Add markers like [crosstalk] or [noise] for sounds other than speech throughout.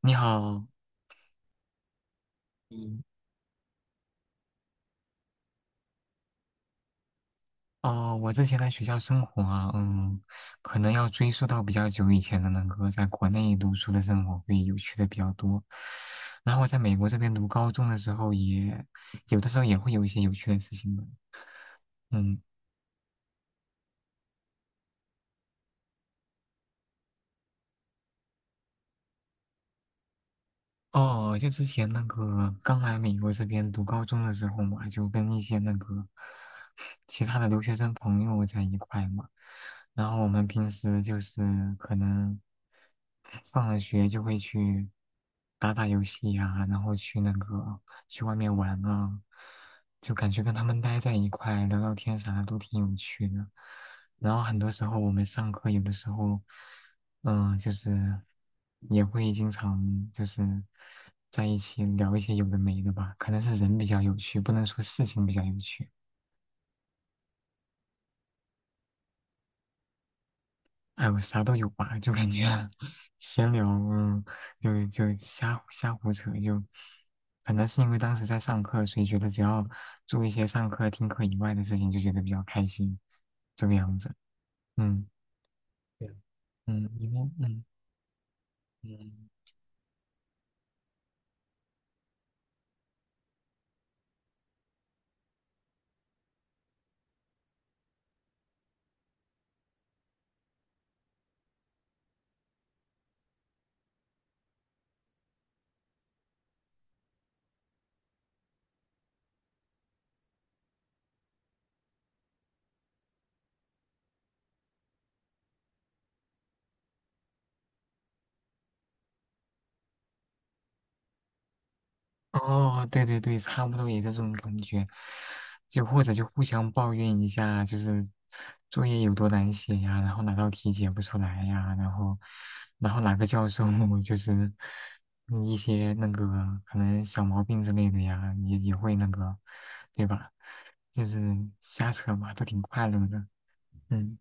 你好，嗯，哦，我之前在学校生活啊，可能要追溯到比较久以前的那个在国内读书的生活会有趣的比较多。然后我在美国这边读高中的时候也，有的时候也会有一些有趣的事情的，嗯。哦，就之前那个刚来美国这边读高中的时候嘛，就跟一些那个其他的留学生朋友在一块嘛，然后我们平时就是可能放了学就会去打打游戏呀、然后去那个去外面玩啊，就感觉跟他们待在一块聊聊天啥的都挺有趣的。然后很多时候我们上课有的时候，就是也会经常就是在一起聊一些有的没的吧，可能是人比较有趣，不能说事情比较有趣。哎我啥都有吧，就感觉 [laughs] 闲聊，就瞎胡扯，就可能是因为当时在上课，所以觉得只要做一些上课、听课以外的事情，就觉得比较开心，这个样子。嗯对，因为嗯。哦，对对对，差不多也是这种感觉，就或者就互相抱怨一下，就是作业有多难写呀，然后哪道题解不出来呀，然后哪个教授 [laughs] 就是一些那个可能小毛病之类的呀，也会那个，对吧？就是瞎扯嘛，都挺快乐的，嗯。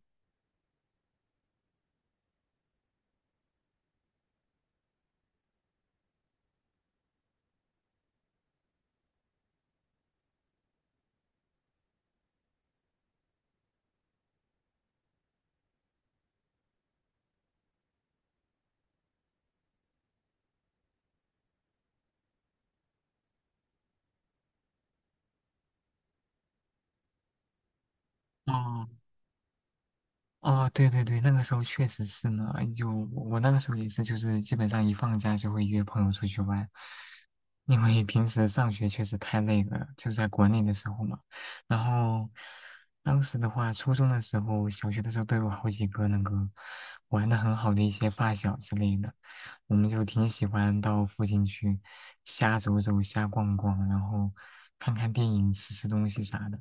哦哦，对对对，那个时候确实是呢，就我那个时候也是，就是基本上一放假就会约朋友出去玩，因为平时上学确实太累了，就在国内的时候嘛。然后当时的话，初中的时候、小学的时候都有好几个那个玩的很好的一些发小之类的，我们就挺喜欢到附近去瞎走走、瞎逛逛，然后看看电影、吃吃东西啥的。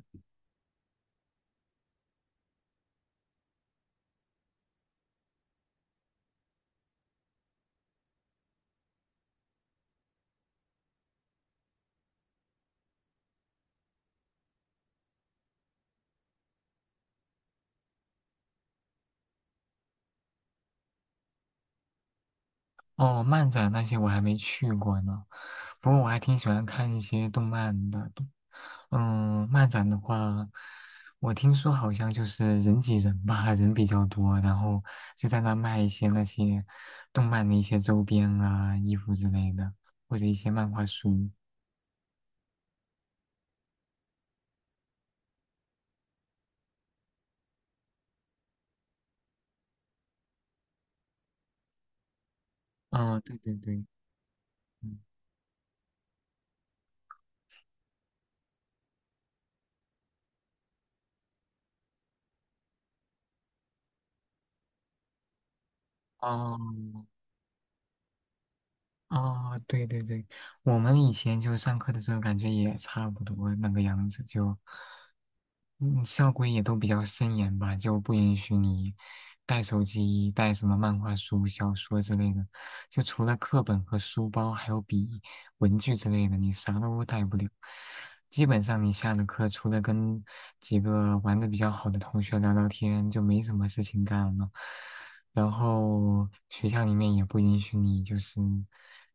哦，漫展那些我还没去过呢，不过我还挺喜欢看一些动漫的。嗯，漫展的话，我听说好像就是人挤人吧，人比较多，然后就在那卖一些那些动漫的一些周边啊、衣服之类的，或者一些漫画书。嗯，对对对，嗯，哦，啊，对对对，我们以前就上课的时候感觉也差不多那个样子，就嗯，校规也都比较森严吧，就不允许你带手机、带什么漫画书、小说之类的，就除了课本和书包，还有笔、文具之类的，你啥都带不了。基本上你下了课，除了跟几个玩的比较好的同学聊聊天，就没什么事情干了。然后学校里面也不允许你就是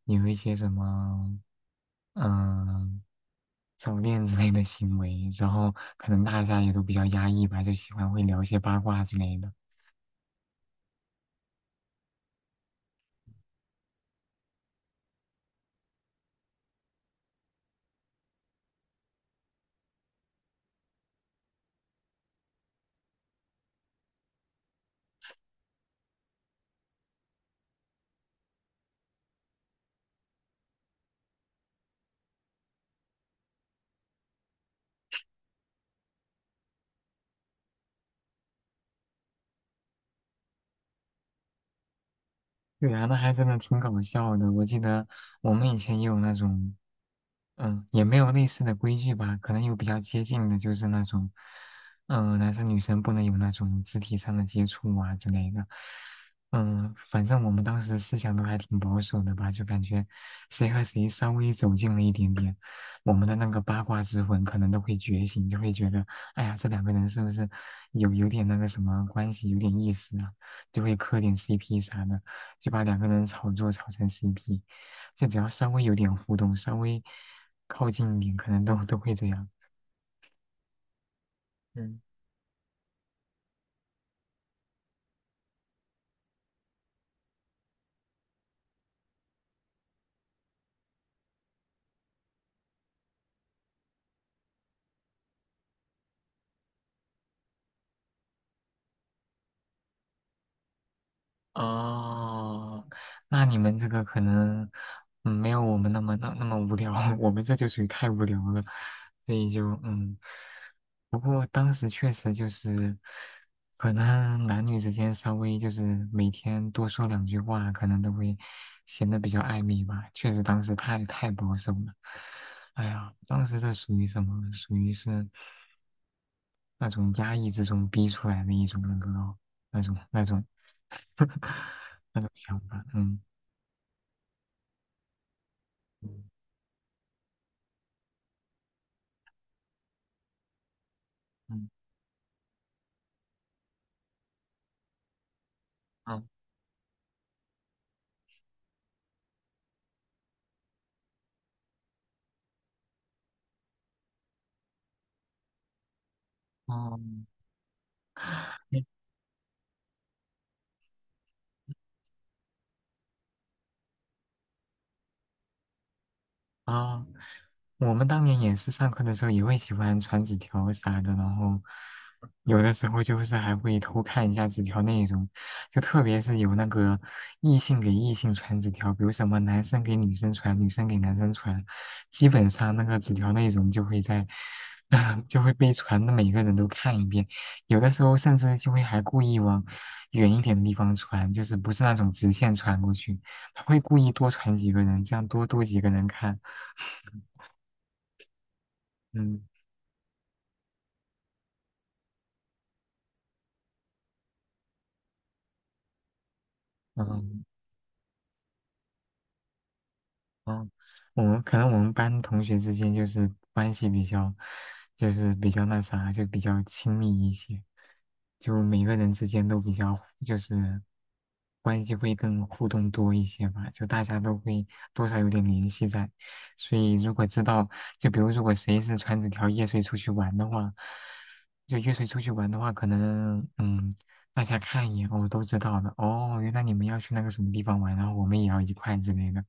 有一些什么嗯早恋之类的行为，然后可能大家也都比较压抑吧，就喜欢会聊一些八卦之类的。对啊，那还真的挺搞笑的。我记得我们以前也有那种。嗯，也没有类似的规矩吧，可能有比较接近的，就是那种，男生女生不能有那种肢体上的接触啊之类的。嗯，反正我们当时思想都还挺保守的吧，就感觉谁和谁稍微走近了一点点，我们的那个八卦之魂可能都会觉醒，就会觉得，哎呀，这两个人是不是有点那个什么关系，有点意思啊？就会磕点 CP 啥的，就把两个人炒作炒成 CP。就只要稍微有点互动，稍微靠近一点，可能都会这样。嗯，哦，那你们这个可能没有我们那么那么无聊，[laughs] 我们这就属于太无聊了，所以就不过当时确实就是，可能男女之间稍微就是每天多说两句话，可能都会显得比较暧昧吧。确实当时太保守了，哎呀，当时这属于什么？属于是。那种压抑之中逼出来的一种那种 [laughs] 那种想法，嗯嗯嗯嗯哦，[laughs] 啊，我们当年也是上课的时候也会喜欢传纸条啥的，然后有的时候就是还会偷看一下纸条内容，就特别是有那个异性给异性传纸条，比如什么男生给女生传，女生给男生传，基本上那个纸条内容就会在，[laughs] 就会被传的每个人都看一遍，有的时候甚至就会还故意往远一点的地方传，就是不是那种直线传过去，他会故意多传几个人，这样多几个人看。嗯嗯，嗯嗯，我们可能我们班同学之间就是关系比较，就是比较那啥，就比较亲密一些，就每个人之间都比较就是关系会更互动多一些吧，就大家都会多少有点联系在，所以如果知道，就比如如果谁是传纸条夜睡出去玩的话，就夜睡出去玩的话，可能。大家看一眼，哦，都知道的，哦，原来你们要去那个什么地方玩，然后我们也要一块之类的。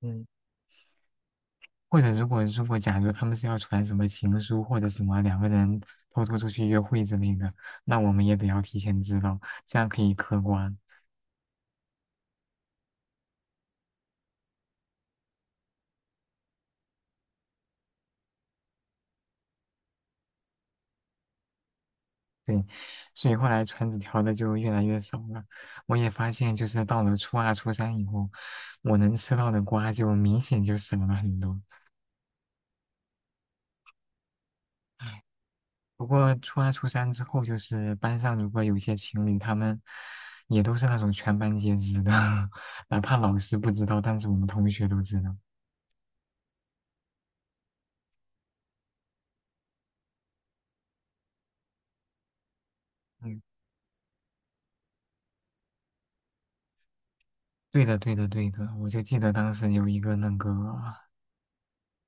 嗯。或者如果假如他们是要传什么情书或者什么两个人偷偷出去约会之类的，那我们也得要提前知道，这样可以嗑瓜。对，所以后来传纸条的就越来越少了。我也发现，就是到了初二、初三以后，我能吃到的瓜就明显就少了很多。不过初二、初三之后，就是班上如果有些情侣，他们也都是那种全班皆知的，[laughs] 哪怕老师不知道，但是我们同学都知道。嗯对的，对的，对的，我就记得当时有一个那个，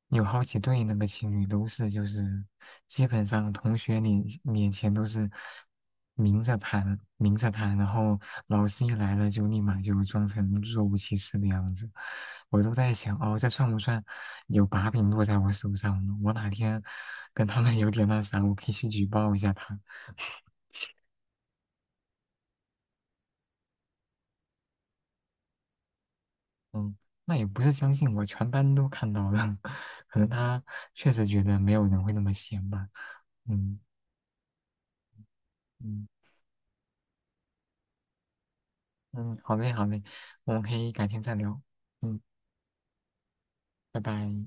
有好几对那个情侣都是，就是基本上同学脸前都是明着谈，明着谈，然后老师一来了就立马就装成若无其事的样子。我都在想，哦，这算不算有把柄落在我手上呢？我哪天跟他们 [laughs] 有点那啥，我可以去举报一下他。嗯，那也不是相信我，全班都看到了，[laughs] 可能他确实觉得没有人会那么闲吧。嗯嗯嗯，好嘞好嘞，我们可以改天再聊。嗯，拜拜。